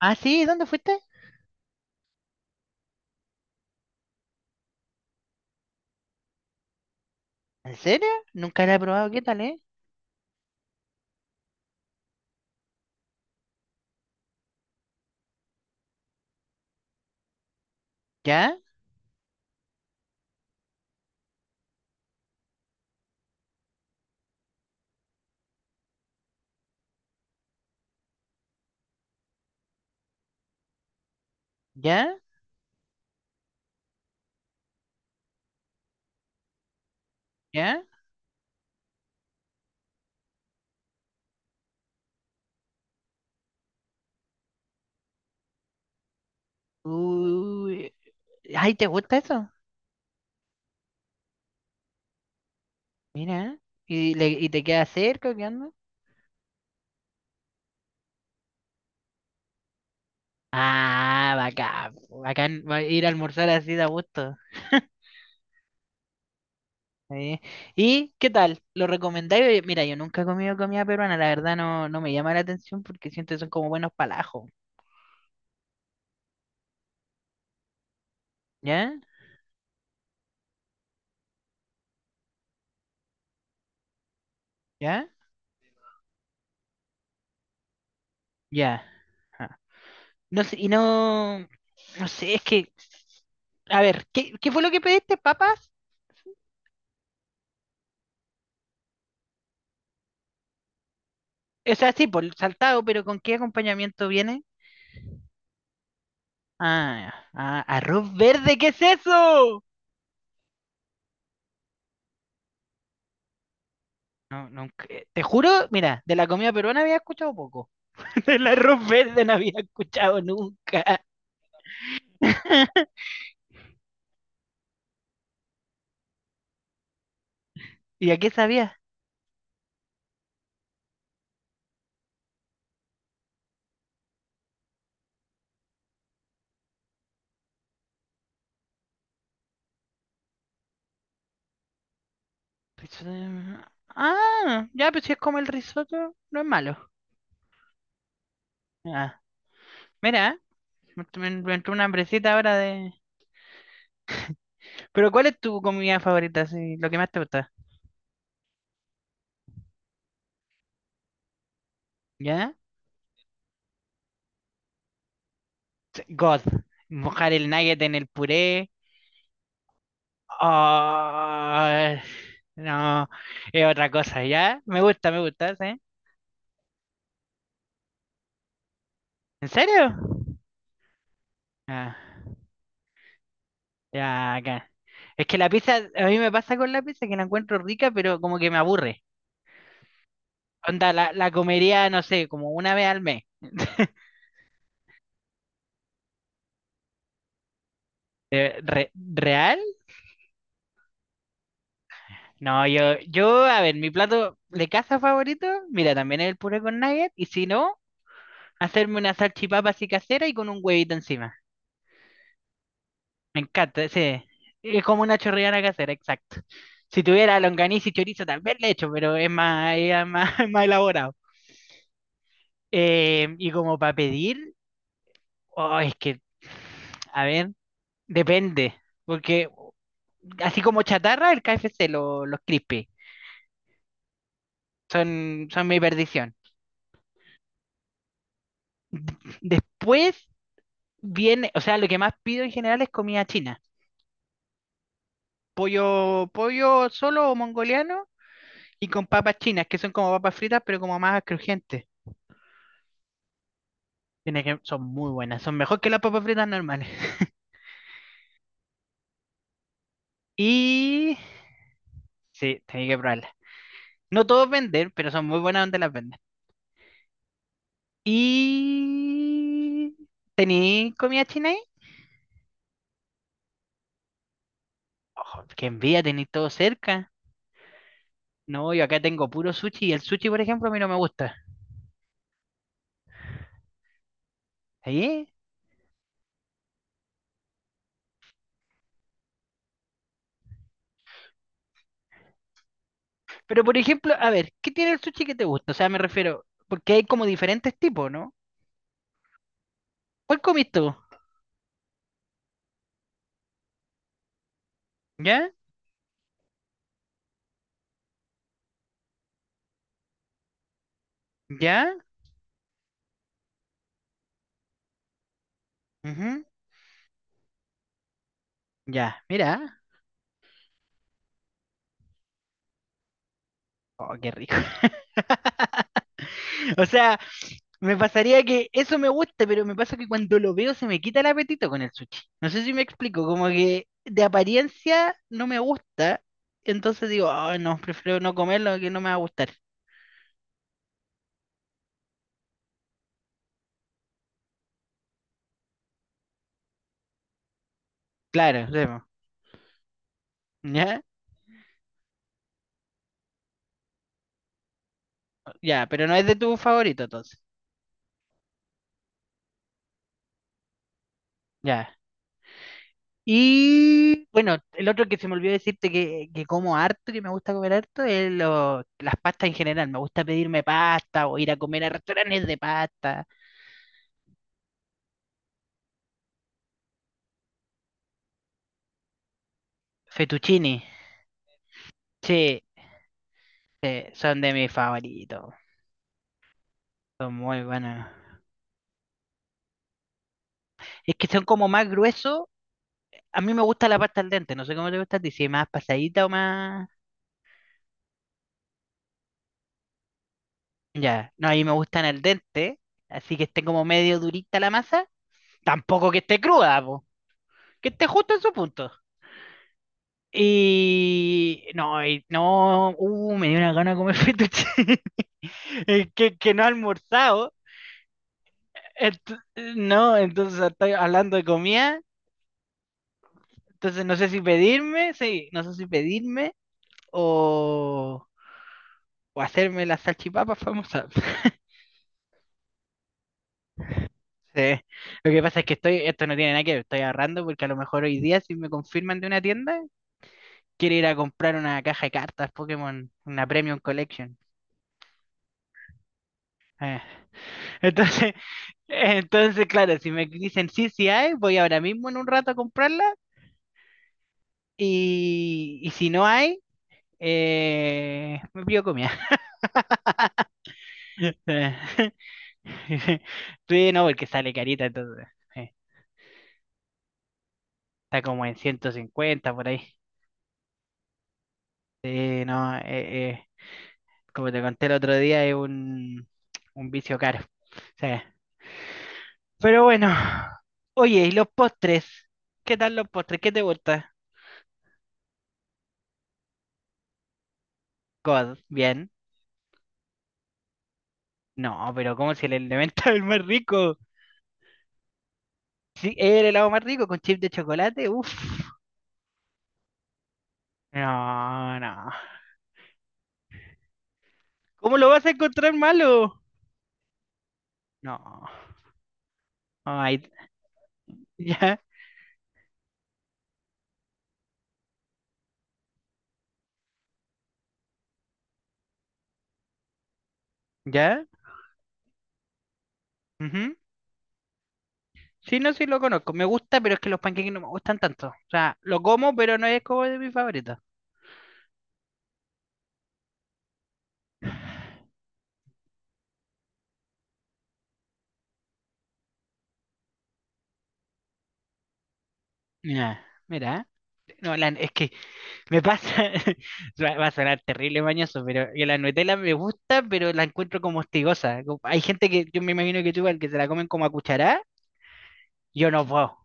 Ah, sí, ¿dónde fuiste? ¿En serio? Nunca la he probado, ¿qué tal, ¿Ya? ¿Ya? ¿Ya? Uy. Ay, ¿te gusta eso? Mira. ¿Y, y te queda cerca? ¿O qué onda? Ah, bacán, po. Bacán, va a ir a almorzar así de a gusto. eh. ¿Y qué tal? ¿Lo recomendáis? Oye, mira, yo nunca he comido comida peruana, la verdad no me llama la atención porque siento que son como buenos palajos. ¿Ya? ¿Ya? Ya. Ah. No sé, y no, no sé, es que, a ver, ¿ qué fue lo que pediste, ¿papas? O sea, sí, por saltado, pero ¿con qué acompañamiento viene? Ah, ah, arroz verde, ¿qué es eso? No, te juro, mira, de la comida peruana había escuchado poco. Del arroz verde no había escuchado nunca. ¿Y a qué sabía? Risotto de- Ah, ya, pues si es como el risotto, no es malo. Ah, mira, me entró una hambrecita ahora de... Pero ¿cuál es tu comida favorita? Así, lo que más te gusta. ¿Ya? God. Mojar el nugget en el puré. Ah, no, es otra cosa, ¿ya? Me gusta, ¿sí? ¿En serio? Ah, ya, acá. Es que la pizza, a mí me pasa con la pizza que la encuentro rica, pero como que me aburre. Onda, la comería, no sé, como una vez al mes. ¿Real? No, yo, a ver, mi plato de casa favorito, mira, también es el puré con nugget, y si no, hacerme una salchipapa así casera y con un huevito encima. Me encanta ese. Es como una chorreana casera, exacto. Si tuviera longaniza y chorizo, tal vez le echo, pero es más elaborado. Y como para pedir, oh, es que, a ver, depende. Porque así como chatarra, el KFC, los crispy, son, son mi perdición. Después viene, o sea, lo que más pido en general es comida china. Pollo solo o mongoliano. Y con papas chinas, que son como papas fritas, pero como más crujientes. Tiene que... son muy buenas, son mejor que las papas fritas normales. Y sí, tenía que probarlas. No todos venden, pero son muy buenas donde las venden. Y ¿tení comida china ahí? Oh, qué envidia, tení todo cerca. No, yo acá tengo puro sushi y el sushi, por ejemplo, a mí no me gusta. Sí. Pero, por ejemplo, a ver, ¿qué tiene el sushi que te gusta? O sea, me refiero, porque hay como diferentes tipos, ¿no? ¿Cuál comiste tú? ¿Ya? ¿Ya? Ujú. Ya, mira. Oh, qué rico. O sea, me pasaría que eso me gusta, pero me pasa que cuando lo veo se me quita el apetito con el sushi. No sé si me explico, como que de apariencia no me gusta, entonces digo: "Ay, no, prefiero no comerlo que no me va a gustar". Claro, sí, po. Ya, ya, pero no es de tu favorito entonces. Ya. Y bueno, el otro que se me olvidó decirte que como harto, que me gusta comer harto, es las pastas en general. Me gusta pedirme pasta o ir a comer a restaurantes de pasta. Fettuccini. Sí, sí, son de mis favoritos. Son muy buenos. Es que son como más gruesos. A mí me gusta la pasta al dente. No sé cómo te gusta a ti, si es más pasadita o más. Ya, no, a mí me gustan al dente. Así que esté como medio durita la masa. Tampoco que esté cruda, po. Que esté justo en su punto. Y no, me dio una gana de comer fettuccine. Es que no he almorzado. Ent- no, entonces estoy hablando de comida. Entonces no sé si pedirme, sí, no sé si pedirme, o, o hacerme las salchipapas famosas. Sí. Lo que pasa es que estoy... esto no tiene nada que ver, estoy ahorrando porque a lo mejor hoy día, si me confirman de una tienda, quiero ir a comprar una caja de cartas Pokémon, una Premium Collection. Eh, Entonces, entonces, claro, si me dicen sí, sí hay, voy ahora mismo en un rato a comprarla, y si no hay, me pido comida. Eh, Sí, no, porque sale carita, entonces eh, está como en 150 por ahí. Sí, no, como te conté el otro día, es un vicio caro. Sí. Pero bueno, oye, ¿y los postres? ¿Qué tal los postres? ¿Qué te gusta? God, bien. No, pero como si el elemento es el más rico? Sí, es el helado más rico con chip de chocolate, uff. No, no. ¿Cómo lo vas a encontrar malo? No. Ay, ya, ya. Ujú. Sí, no, sí lo conozco. Me gusta, pero es que los panqueques no me gustan tanto. O sea, lo como, pero no es como de mis favoritos. Mira, mira. No, es que me pasa. Va, va a sonar terrible mañoso, pero yo, la Nutella me gusta, pero la encuentro como hostigosa. Como... hay gente que yo me imagino que igual que se la comen como a cucharada. Yo no puedo.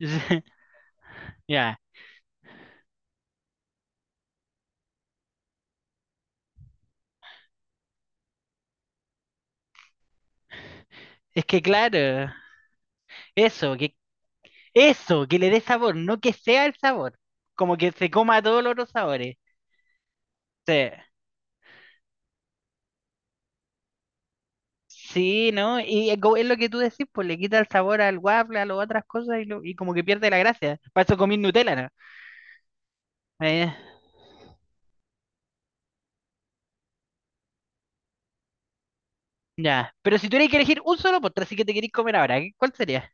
Ya. Es que claro, eso, que eso, que le dé sabor, no que sea el sabor. Como que se coma todos los otros sabores. Sí. Sí, ¿no? Y es como... es lo que tú decís, pues le quita el sabor al waffle, a las otras cosas y, y como que pierde la gracia. Para eso comí Nutella, ¿no? Eh, ya. Pero si tuvieras que elegir un solo postre, así que te querís comer ahora, ¿cuál sería?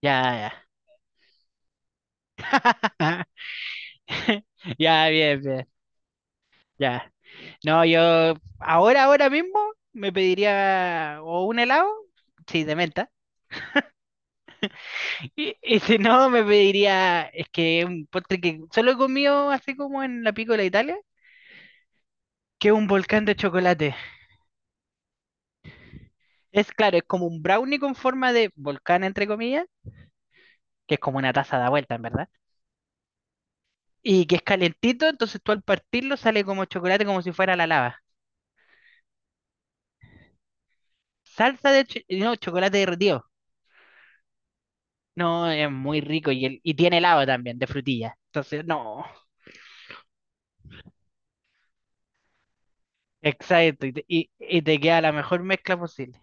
Ya, ya. Ya, bien, bien. Ya. No, yo ahora, ahora mismo me pediría o un helado, sí, de menta. Y si no, me pediría, es que un postre que solo he comido así como en la Piccola Italia, que es un volcán de chocolate. Es claro, es como un brownie con forma de volcán, entre comillas, que es como una taza da vuelta, en verdad. Y que es calentito, entonces tú al partirlo sale como chocolate, como si fuera la lava. No, chocolate derretido. No, es muy rico y, y tiene helado también, de frutilla. Entonces, no, exacto, y te, y te queda la mejor mezcla posible.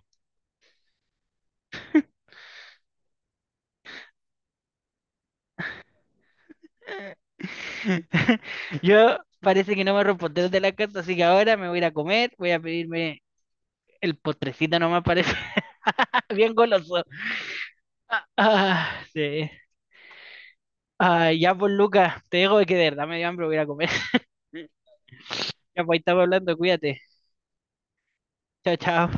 Yo parece que no me respondieron de la casa, así que ahora me voy a ir a comer, voy a pedirme el postrecito nomás, parece bien goloso. Ah, sí. Ah, ya pues Lucas, te digo que de verdad me dio hambre, voy a ir a comer. Ya pues ahí estamos hablando, cuídate. Chao, chao.